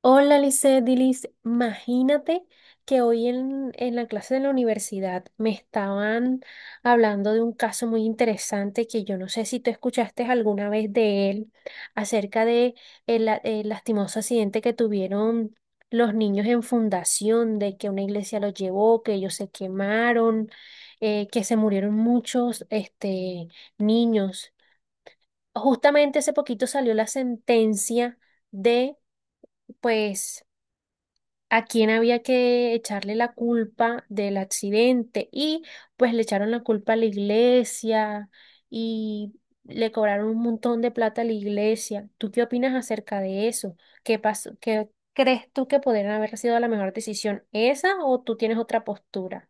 Hola, Lisset, Dilis. Imagínate que hoy en la clase de la universidad me estaban hablando de un caso muy interesante que yo no sé si tú escuchaste alguna vez de él, acerca de el lastimoso accidente que tuvieron los niños en fundación, de que una iglesia los llevó, que ellos se quemaron, que se murieron muchos niños. Justamente hace poquito salió la sentencia de, pues, a quién había que echarle la culpa del accidente, y pues le echaron la culpa a la iglesia y le cobraron un montón de plata a la iglesia. ¿Tú qué opinas acerca de eso? ¿Qué pasó? ¿Qué crees tú que podrían haber sido la mejor decisión, esa, o tú tienes otra postura?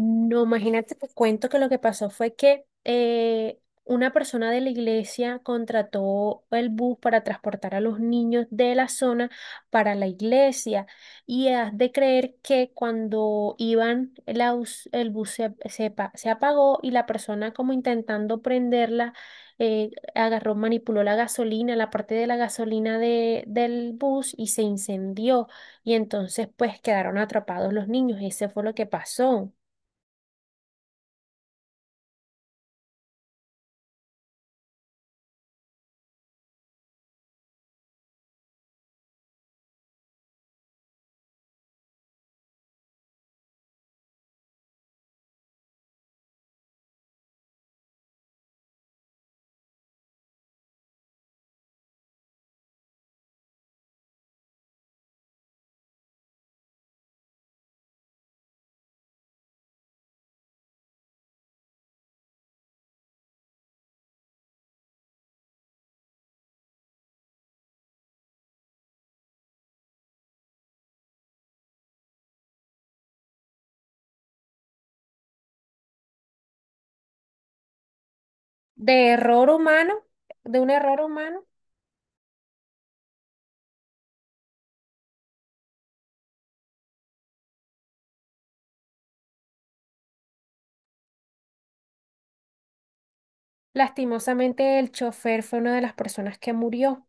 No, imagínate, te cuento que lo que pasó fue que una persona de la iglesia contrató el bus para transportar a los niños de la zona para la iglesia. Y has de creer que cuando iban, el bus se apagó y la persona, como intentando prenderla, agarró, manipuló la gasolina, la parte de la gasolina del bus y se incendió. Y entonces pues quedaron atrapados los niños. Ese fue lo que pasó. De error humano, de un error humano. Lastimosamente, el chofer fue una de las personas que murió.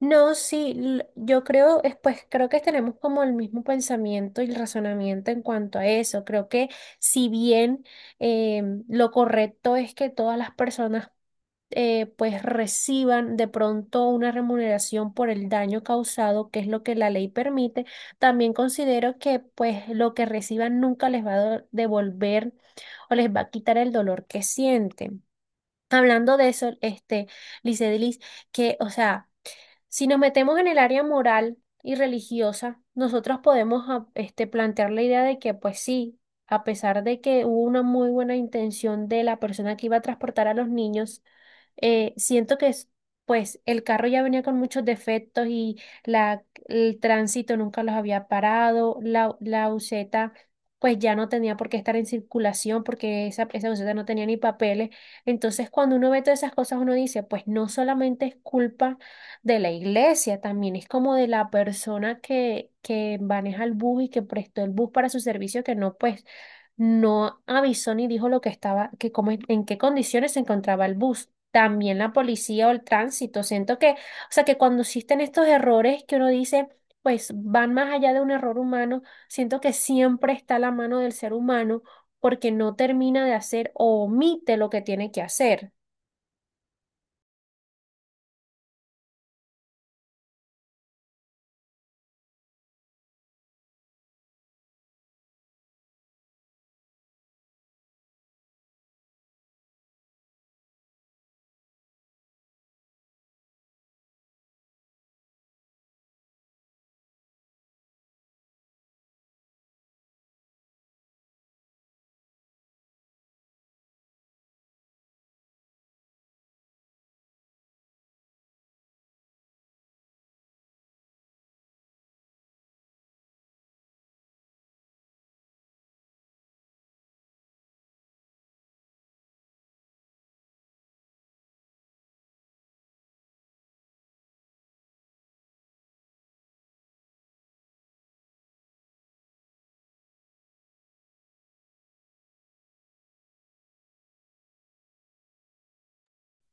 No, sí, yo creo, es, pues creo que tenemos como el mismo pensamiento y el razonamiento en cuanto a eso. Creo que si bien eh, lo correcto es que todas las personas pues reciban de pronto una remuneración por el daño causado, que es lo que la ley permite, también considero que pues lo que reciban nunca les va a devolver o les va a quitar el dolor que sienten. Hablando de eso, Licedelis, que, o sea, si nos metemos en el área moral y religiosa, nosotros podemos plantear la idea de que, pues sí, a pesar de que hubo una muy buena intención de la persona que iba a transportar a los niños, siento que pues el carro ya venía con muchos defectos y el tránsito nunca los había parado, la buseta pues ya no tenía por qué estar en circulación porque esa buseta no tenía ni papeles. Entonces, cuando uno ve todas esas cosas, uno dice, pues no solamente es culpa de la iglesia, también es como de la persona que maneja el bus y que prestó el bus para su servicio, que no, pues, no avisó ni dijo lo que estaba, que cómo, en qué condiciones se encontraba el bus. También la policía o el tránsito. Siento que, o sea, que cuando existen estos errores, que uno dice, pues van más allá de un error humano, siento que siempre está la mano del ser humano porque no termina de hacer o omite lo que tiene que hacer.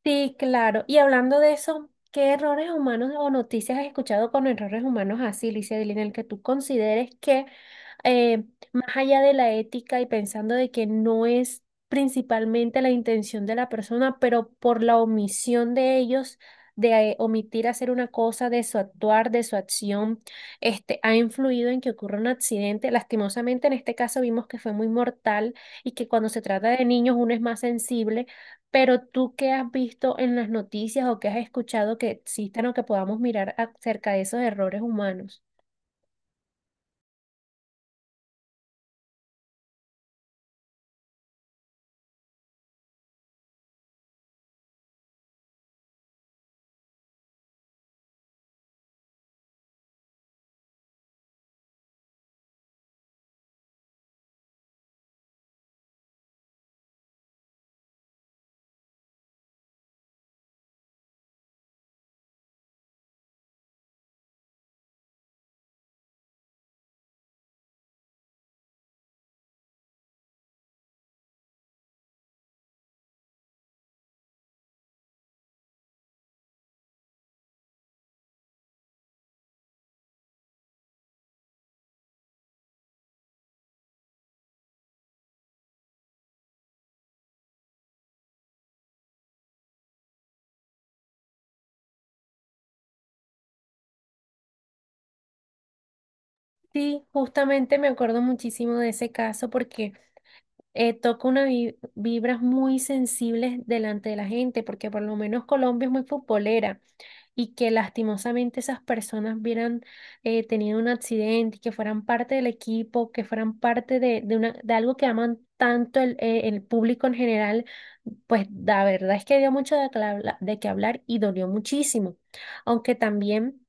Sí, claro. Y hablando de eso, ¿qué errores humanos o noticias has escuchado con errores humanos así, Licia, en el que tú consideres que eh, más allá de la ética y pensando de que no es principalmente la intención de la persona, pero por la omisión de ellos, de omitir hacer una cosa, de su actuar, de su acción, ha influido en que ocurra un accidente? Lastimosamente, en este caso vimos que fue muy mortal y que cuando se trata de niños uno es más sensible. Pero tú qué has visto en las noticias o qué has escuchado que existan o que podamos mirar acerca de esos errores humanos. Sí, justamente me acuerdo muchísimo de ese caso porque toca unas vibras muy sensibles delante de la gente, porque por lo menos Colombia es muy futbolera. Y que lastimosamente esas personas hubieran tenido un accidente y que fueran parte del equipo, que fueran parte de algo que aman tanto el público en general, pues la verdad es que dio mucho de qué hablar y dolió muchísimo. Aunque también...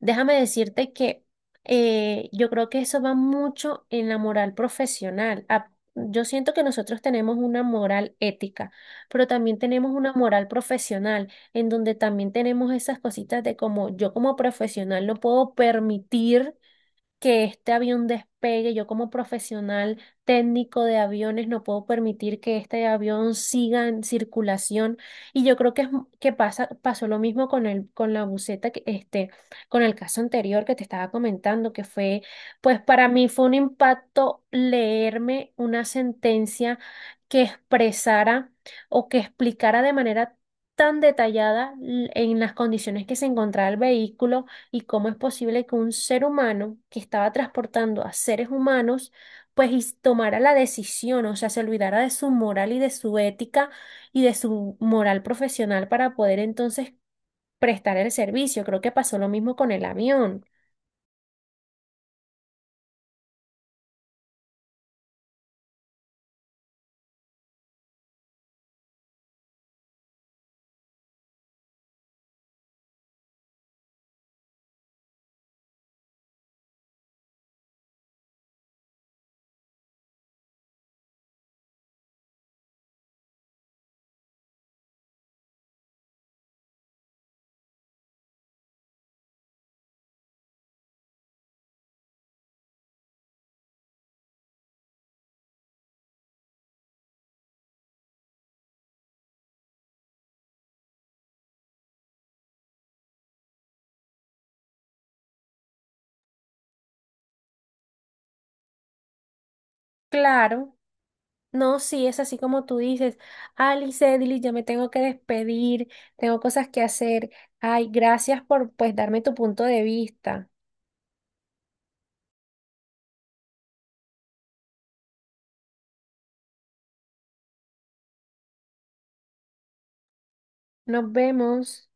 Déjame decirte que yo creo que eso va mucho en la moral profesional. Yo siento que nosotros tenemos una moral ética, pero también tenemos una moral profesional, en donde también tenemos esas cositas de como yo como profesional no puedo permitir que este avión despegue. Yo como profesional técnico de aviones no puedo permitir que este avión siga en circulación. Y yo creo que, es, que pasa, pasó lo mismo con el, con la buceta, que, este, con el caso anterior que te estaba comentando, que fue, pues para mí fue un impacto leerme una sentencia que expresara o que explicara de manera tan detallada en las condiciones que se encontraba el vehículo y cómo es posible que un ser humano que estaba transportando a seres humanos, pues y tomara la decisión, o sea, se olvidara de su moral y de su ética y de su moral profesional para poder entonces prestar el servicio. Creo que pasó lo mismo con el avión. Claro. No, sí, es así como tú dices, Alice, Edily, yo me tengo que despedir, tengo cosas que hacer. Ay, gracias por pues darme tu punto de vista. Nos vemos.